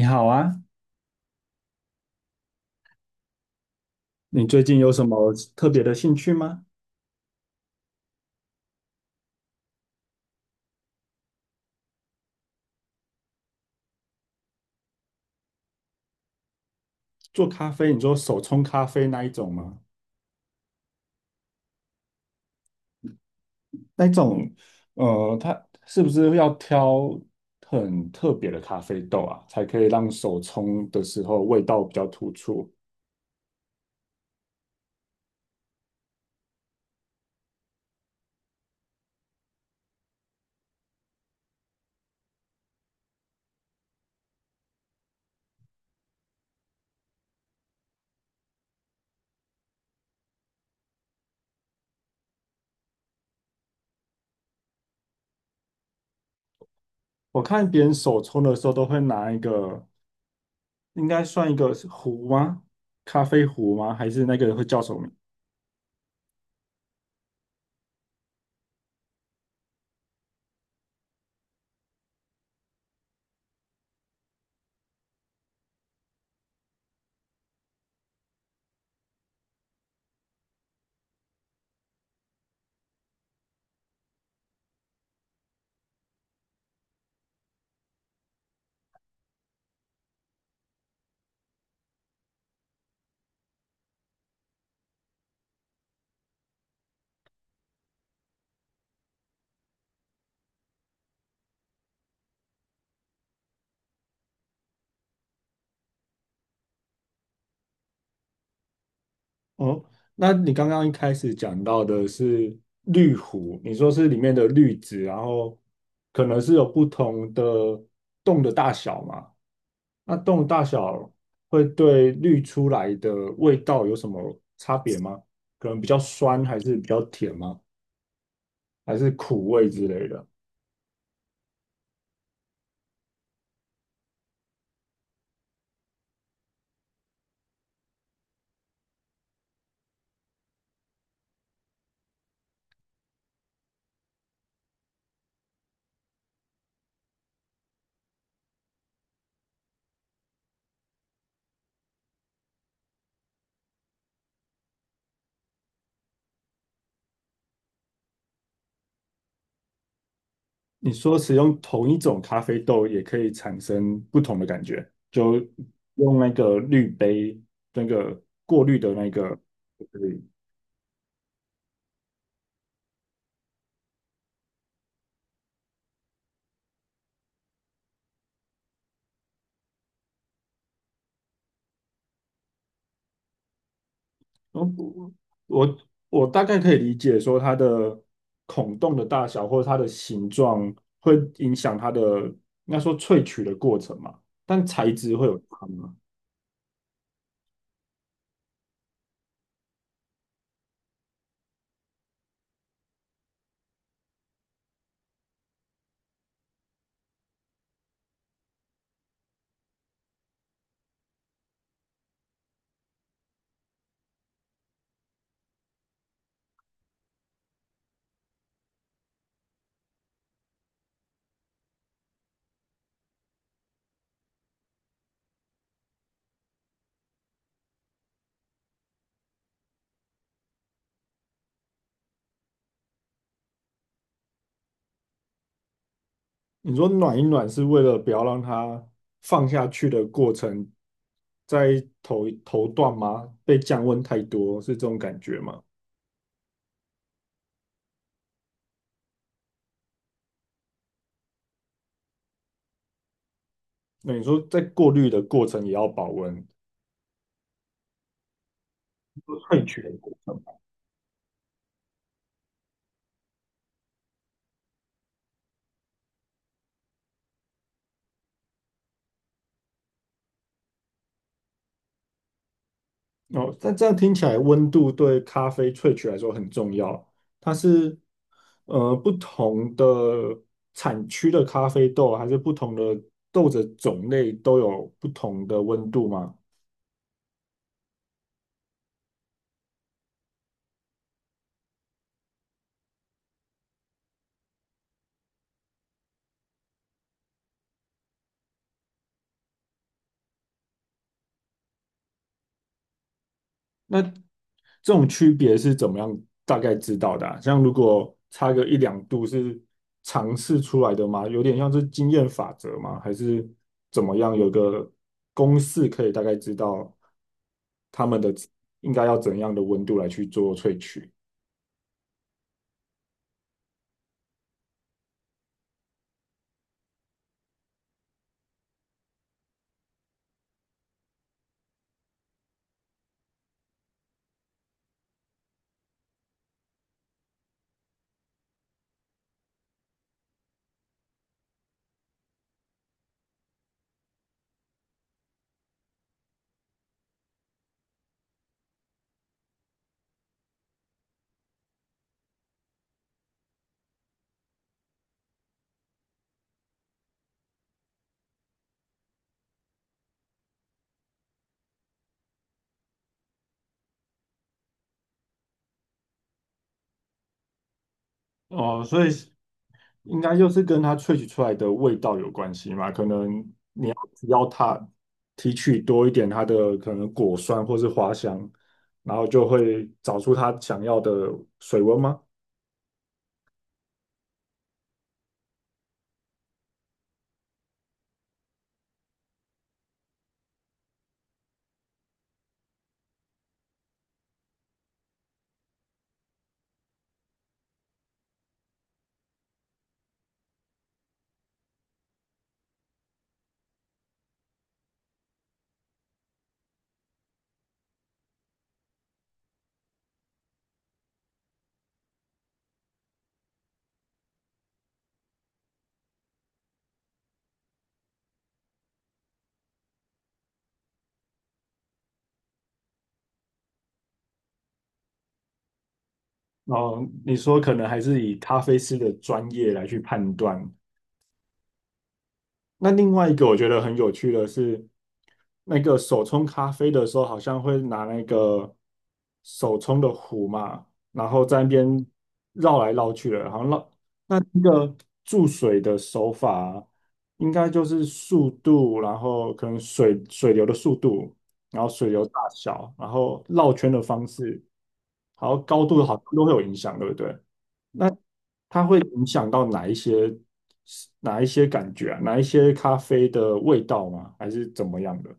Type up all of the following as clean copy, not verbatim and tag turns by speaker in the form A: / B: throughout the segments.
A: 你好啊，你最近有什么特别的兴趣吗？做咖啡，你说手冲咖啡那一种吗？那一种，它是不是要挑很特别的咖啡豆啊，才可以让手冲的时候味道比较突出？我看别人手冲的时候都会拿一个，应该算一个是壶吗？咖啡壶吗？还是那个会叫什么？哦，那你刚刚一开始讲到的是滤壶，你说是里面的滤纸，然后可能是有不同的洞的大小嘛？那洞的大小会对滤出来的味道有什么差别吗？可能比较酸，还是比较甜吗？还是苦味之类的？你说使用同一种咖啡豆也可以产生不同的感觉，就用那个滤杯那个过滤的那个。对，我我我大概可以理解说它的孔洞的大小或者它的形状会影响它的应该说萃取的过程嘛，但材质会有差吗？你说暖一暖是为了不要让它放下去的过程在头段吗？被降温太多是这种感觉吗？那你说在过滤的过程也要保温，萃取的过程哦，但这样听起来，温度对咖啡萃取来说很重要。它是不同的产区的咖啡豆，还是不同的豆子种类都有不同的温度吗？那这种区别是怎么样大概知道的啊，像如果差个一两度是尝试出来的吗？有点像是经验法则吗？还是怎么样？有个公式可以大概知道他们的应该要怎样的温度来去做萃取？哦，所以应该就是跟它萃取出来的味道有关系嘛。可能你要只要它提取多一点它的可能果酸或是花香，然后就会找出它想要的水温吗？哦，你说可能还是以咖啡师的专业来去判断。那另外一个我觉得很有趣的是，那个手冲咖啡的时候，好像会拿那个手冲的壶嘛，然后在那边绕来绕去的，好像绕那一个注水的手法，应该就是速度，然后可能水流的速度，然后水流大小，然后绕圈的方式，还有高度，好像都会有影响，对不对？那它会影响到哪一些哪一些感觉啊？哪一些咖啡的味道吗？还是怎么样的？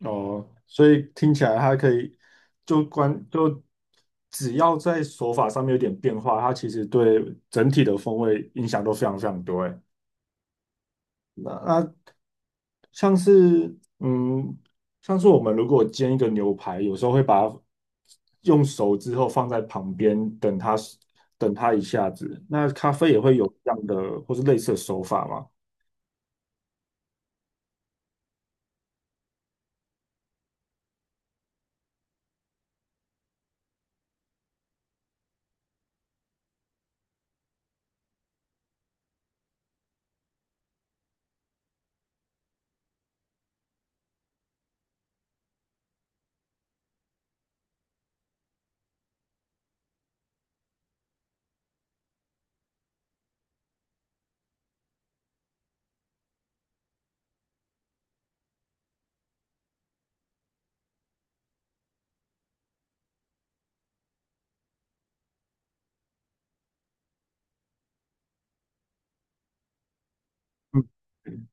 A: 哦，所以听起来它可以就关就只要在手法上面有点变化，它其实对整体的风味影响都非常非常多欸。那像是像是我们如果煎一个牛排，有时候会把它用熟之后放在旁边，等它等它一下子。那咖啡也会有这样的或是类似的手法吗？嗯，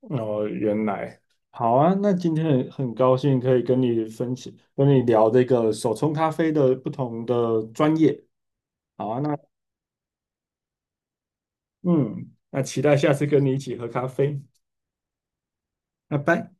A: 哦，原来好啊。那今天很高兴可以跟你分享，跟你聊这个手冲咖啡的不同的专业。好啊，那嗯，那期待下次跟你一起喝咖啡。拜拜。